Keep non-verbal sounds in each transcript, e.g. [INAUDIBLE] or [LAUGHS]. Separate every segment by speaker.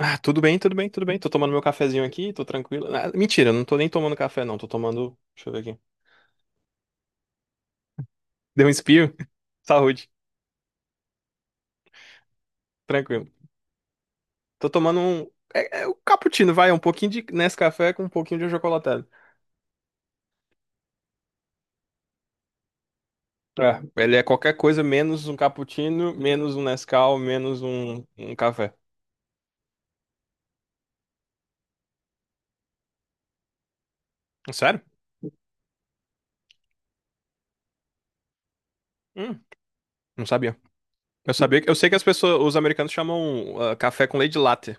Speaker 1: Ah, tudo bem, tudo bem, tudo bem. Tô tomando meu cafezinho aqui, tô tranquilo. Ah, mentira, não tô nem tomando café, não. Tô tomando. Deixa eu ver aqui. Deu um espirro. [LAUGHS] Saúde. Tranquilo. Tô tomando um. É o cappuccino, vai. Um pouquinho de Nescafé com um pouquinho de achocolatado. É, ele é qualquer coisa menos um cappuccino, menos um Nescau, menos um café. Sério? Hum, não sabia. Eu sabia. Eu sei que as pessoas, os americanos chamam café com leite latte.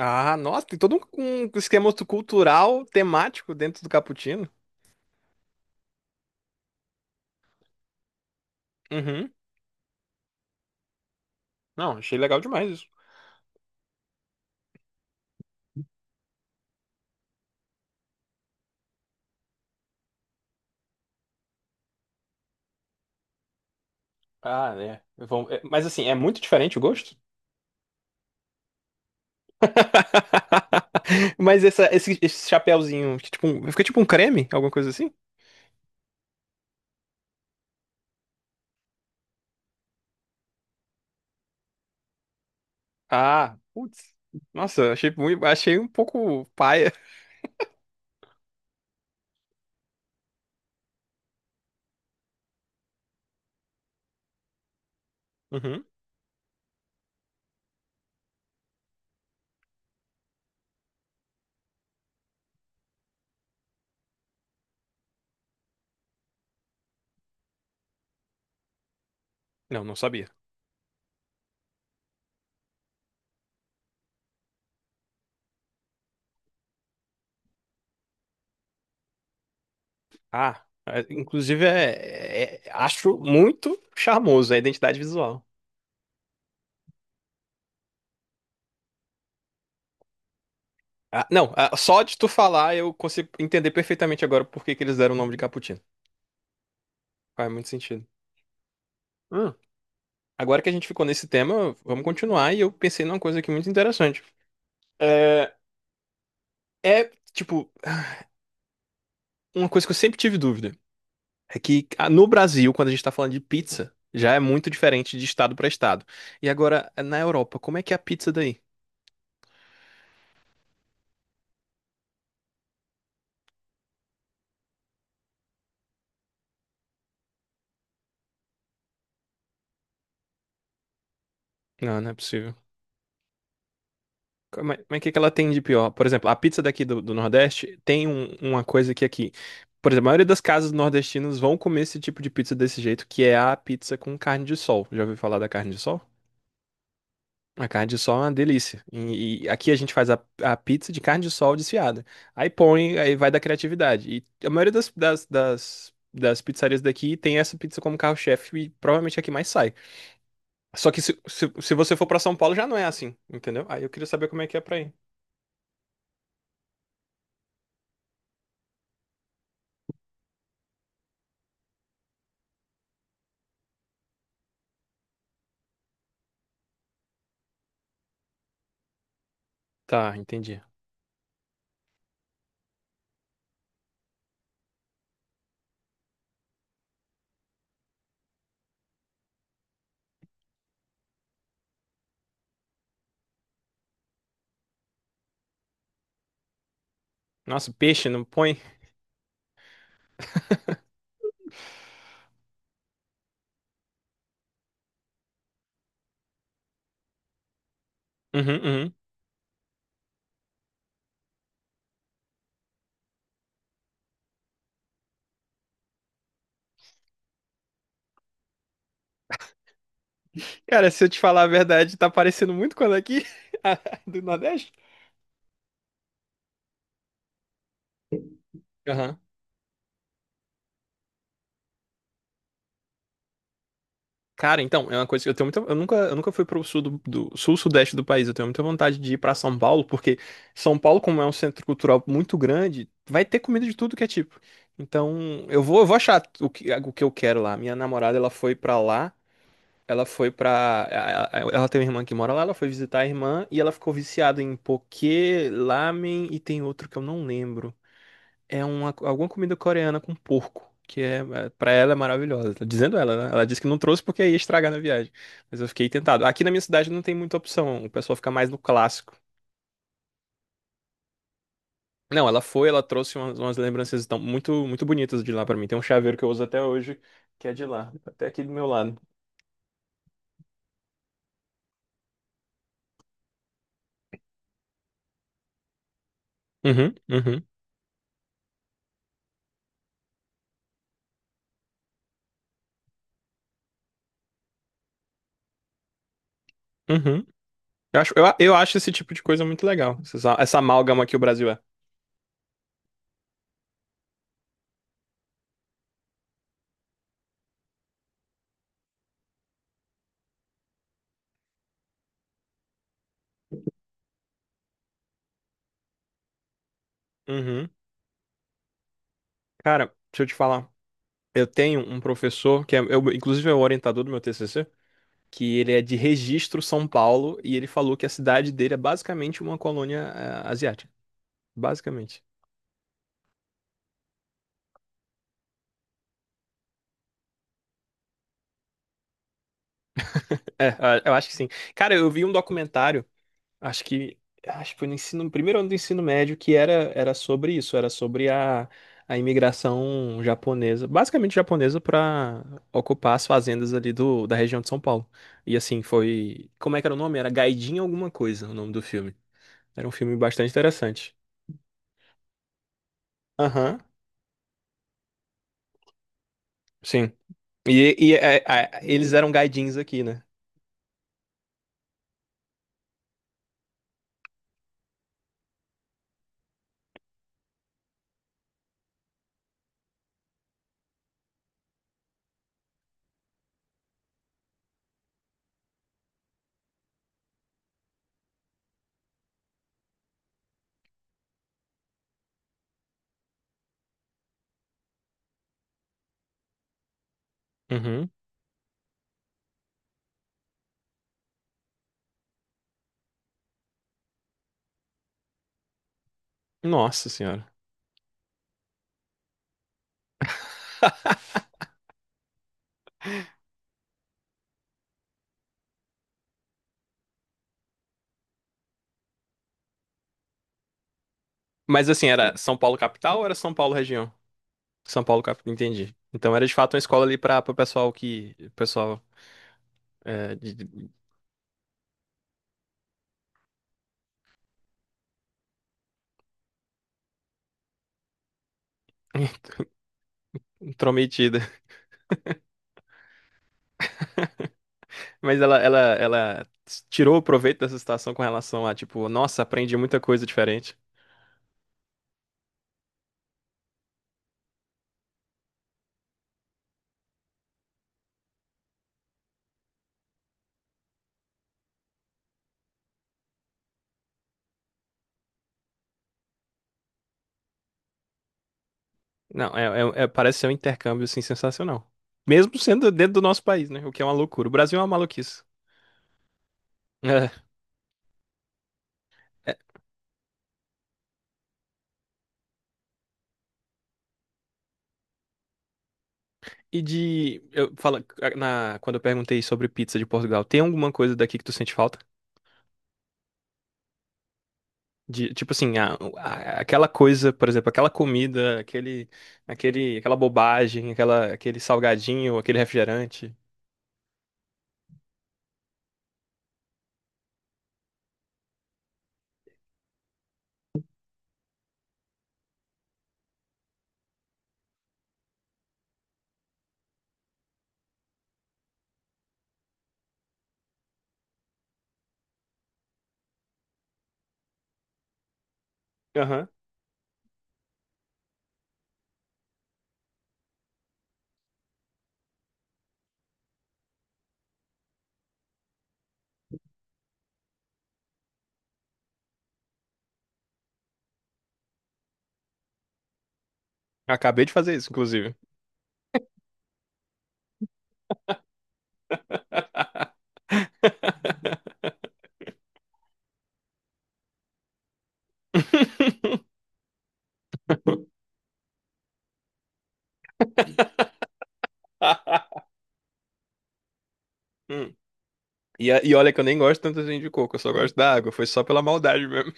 Speaker 1: Ah, nossa, tem todo um esquema cultural, temático dentro do cappuccino. Uhum. Não, achei legal demais isso. Ah, né? Mas assim, é muito diferente o gosto? [LAUGHS] Mas esse chapéuzinho, que tipo, fica tipo um creme, alguma coisa assim? Ah, putz. Nossa, achei muito, achei um pouco paia. Uhum. Não, não sabia. Ah, é, inclusive acho muito charmoso a identidade visual. Ah, não, só de tu falar eu consigo entender perfeitamente agora por que que eles deram o nome de Cappuccino. Faz muito sentido. Agora que a gente ficou nesse tema, vamos continuar. E eu pensei numa coisa aqui muito interessante. É, é, tipo, uma coisa que eu sempre tive dúvida. É que no Brasil, quando a gente tá falando de pizza, já é muito diferente de estado pra estado. E agora, na Europa, como é que é a pizza daí? Não, não é possível. Como é que é que ela tem de pior? Por exemplo, a pizza daqui do Nordeste tem uma coisa que aqui. Por exemplo, a maioria das casas nordestinas vão comer esse tipo de pizza desse jeito, que é a pizza com carne de sol. Já ouviu falar da carne de sol? A carne de sol é uma delícia. E aqui a gente faz a pizza de carne de sol desfiada. Aí põe, aí vai da criatividade. E a maioria das pizzarias daqui tem essa pizza como carro-chefe e provavelmente é a que mais sai. Só que se você for pra São Paulo já não é assim, entendeu? Aí eu queria saber como é que é pra aí. Tá, entendi. Nossa, peixe não põe? Uhum, uhum. Cara, se eu te falar a verdade, tá parecendo muito quando aqui [LAUGHS] a do Nordeste. Aham. Cara, então, é uma coisa que eu tenho muita. Eu nunca fui pro sul sul sudeste do país. Eu tenho muita vontade de ir pra São Paulo, porque São Paulo, como é um centro cultural muito grande, vai ter comida de tudo que é tipo. Então, eu vou achar o que eu quero lá. Minha namorada, ela foi pra lá. Ela foi pra. A- Ela tem uma irmã que mora lá, ela foi visitar a irmã e ela ficou viciada em poké, lamen e tem outro que eu não lembro. É alguma comida coreana com porco, que pra ela é maravilhosa. Tá dizendo ela, né? Ela disse que não trouxe porque ia estragar na viagem. Mas eu fiquei tentado. Aqui na minha cidade não tem muita opção, o pessoal fica mais no clássico. Não, ela trouxe umas lembranças tão, muito, muito bonitas de lá pra mim. Tem um chaveiro que eu uso até hoje, que é de lá, até aqui do meu lado. Uhum, uhum, uhum. Eu acho esse tipo de coisa muito legal, essa amálgama que o Brasil é. Uhum. Cara, deixa eu te falar. Eu tenho um professor inclusive é o orientador do meu TCC, que ele é de Registro, São Paulo, e ele falou que a cidade dele é basicamente uma colônia asiática. Basicamente. É, eu acho que sim. Cara, eu vi um documentário, acho que acho que foi no primeiro ano do ensino médio, que era sobre isso, era sobre a imigração japonesa, basicamente japonesa, para ocupar as fazendas ali da região de São Paulo. E assim, foi. Como é que era o nome? Era Gaidin alguma coisa, o nome do filme. Era um filme bastante interessante. Aham, sim. Eles eram gaidins aqui, né? Uhum. Nossa senhora. [LAUGHS] Mas assim, era São Paulo capital ou era São Paulo região? São Paulo capital, entendi. Então era de fato uma escola ali para o pessoal que. Pessoal é, [LAUGHS] intrometido. Mas ela tirou o proveito dessa situação com relação a, tipo, nossa, aprendi muita coisa diferente. Não, parece ser um intercâmbio, assim, sensacional. Mesmo sendo dentro do nosso país, né? O que é uma loucura. O Brasil é uma maluquice. É. E de. Eu falo, quando eu perguntei sobre pizza de Portugal, tem alguma coisa daqui que tu sente falta? De, tipo assim, aquela coisa, por exemplo, aquela comida, aquele, aquela bobagem, aquele salgadinho, aquele refrigerante. Aham. Acabei de fazer isso, inclusive. [LAUGHS] Hum. E olha que eu nem gosto tanto assim de coco, eu só gosto da água, foi só pela maldade mesmo.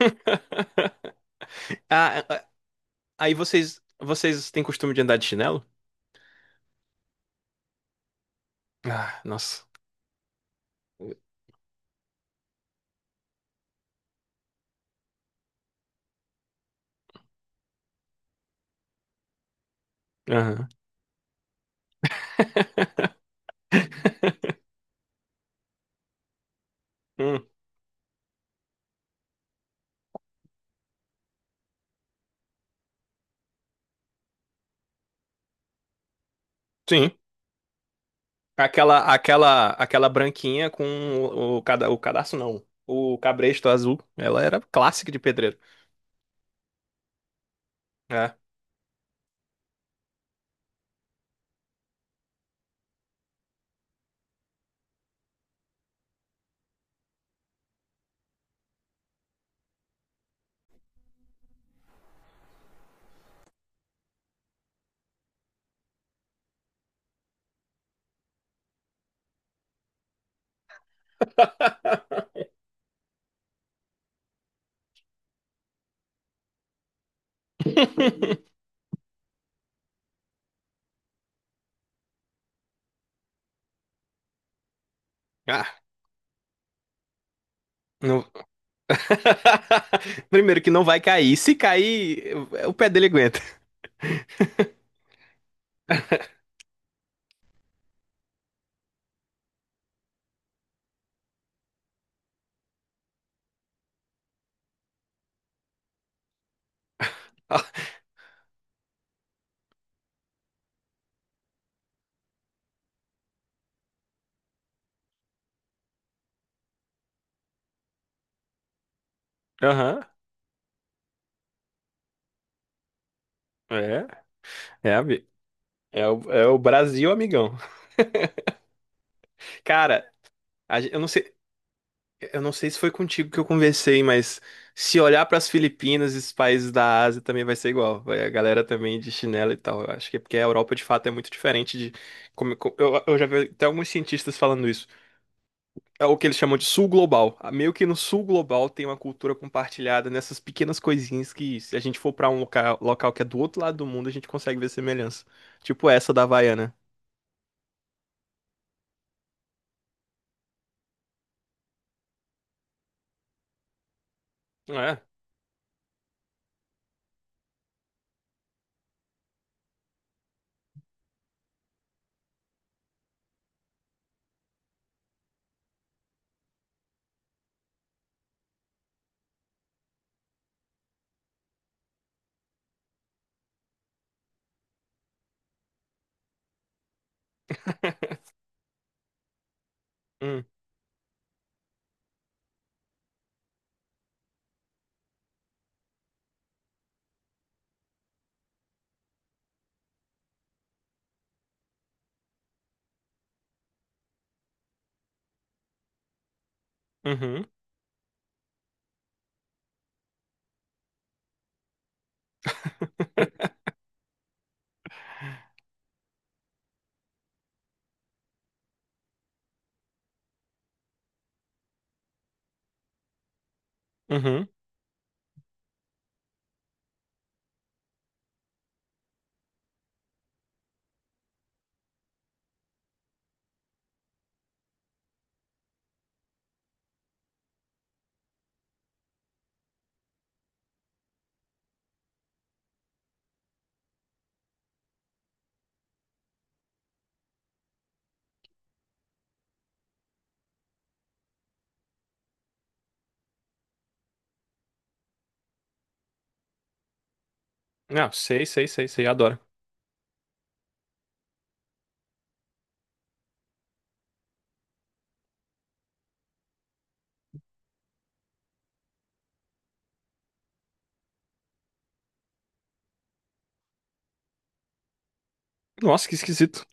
Speaker 1: [LAUGHS] Ah, ah, aí vocês têm costume de andar de chinelo? Ah, nossa. Aham. [LAUGHS] Hum, sim. Aquela branquinha com o cadarço, não. O cabresto azul. Ela era clássica de pedreiro. É. [LAUGHS] Ah, não- [LAUGHS] Primeiro que não vai cair. Se cair, o pé dele aguenta. [LAUGHS] Aham. É. É, é o Brasil, amigão. Cara, eu não sei. Eu não sei se foi contigo que eu conversei, mas se olhar para as Filipinas e os países da Ásia também vai ser igual. Vai a galera também de chinelo e tal. Eu acho que é porque a Europa de fato é muito diferente de eu já vi até alguns cientistas falando isso. É o que eles chamam de sul global. Ah, meio que no sul global tem uma cultura compartilhada nessas pequenas coisinhas que se a gente for para um local que é do outro lado do mundo, a gente consegue ver semelhança. Tipo essa da Havaiana. É. [LAUGHS] Hum, uhum, uhum. Não, sei, sei, sei, sei, adoro. Nossa, que esquisito.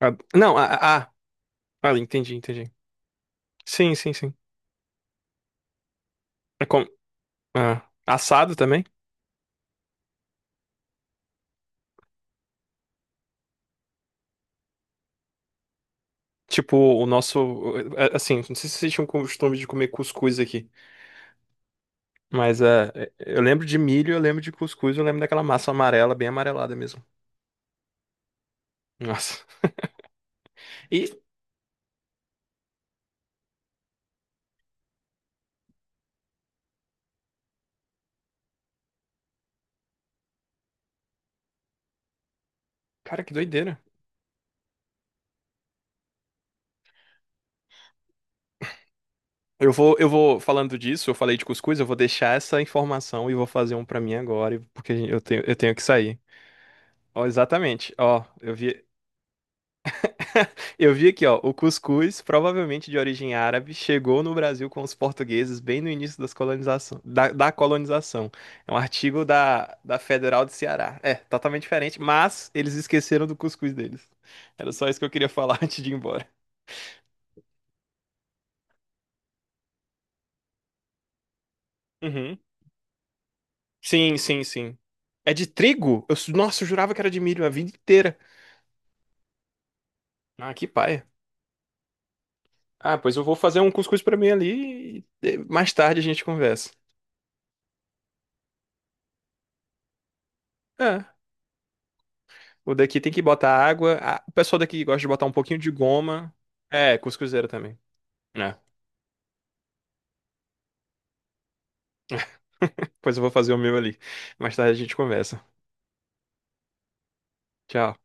Speaker 1: Ah, não, entendi, entendi. Sim, sim, sim. É como, assado também? Tipo, o nosso. Assim, não sei se vocês tinham costume de comer cuscuz aqui, mas eu lembro de milho, eu lembro de cuscuz, eu lembro daquela massa amarela, bem amarelada mesmo. Nossa. E, cara, que doideira. Eu vou falando disso, eu falei de cuscuz, eu vou deixar essa informação e vou fazer um pra mim agora, porque eu tenho que sair. Ó, exatamente. Ó, eu vi. Eu vi aqui, ó, o cuscuz, provavelmente de origem árabe, chegou no Brasil com os portugueses bem no início da colonização. É um artigo da Federal de Ceará. É, totalmente diferente, mas eles esqueceram do cuscuz deles. Era só isso que eu queria falar [LAUGHS] antes de ir embora. Uhum. Sim, sim, sim. É de trigo? Nossa, eu jurava que era de milho a vida inteira. Ah, que paia. Ah, pois eu vou fazer um cuscuz pra mim ali e mais tarde a gente conversa. É. O daqui tem que botar água. Ah, o pessoal daqui gosta de botar um pouquinho de goma. É, cuscuzeira também. É. Pois eu vou fazer o meu ali. Mais tarde a gente conversa. Tchau.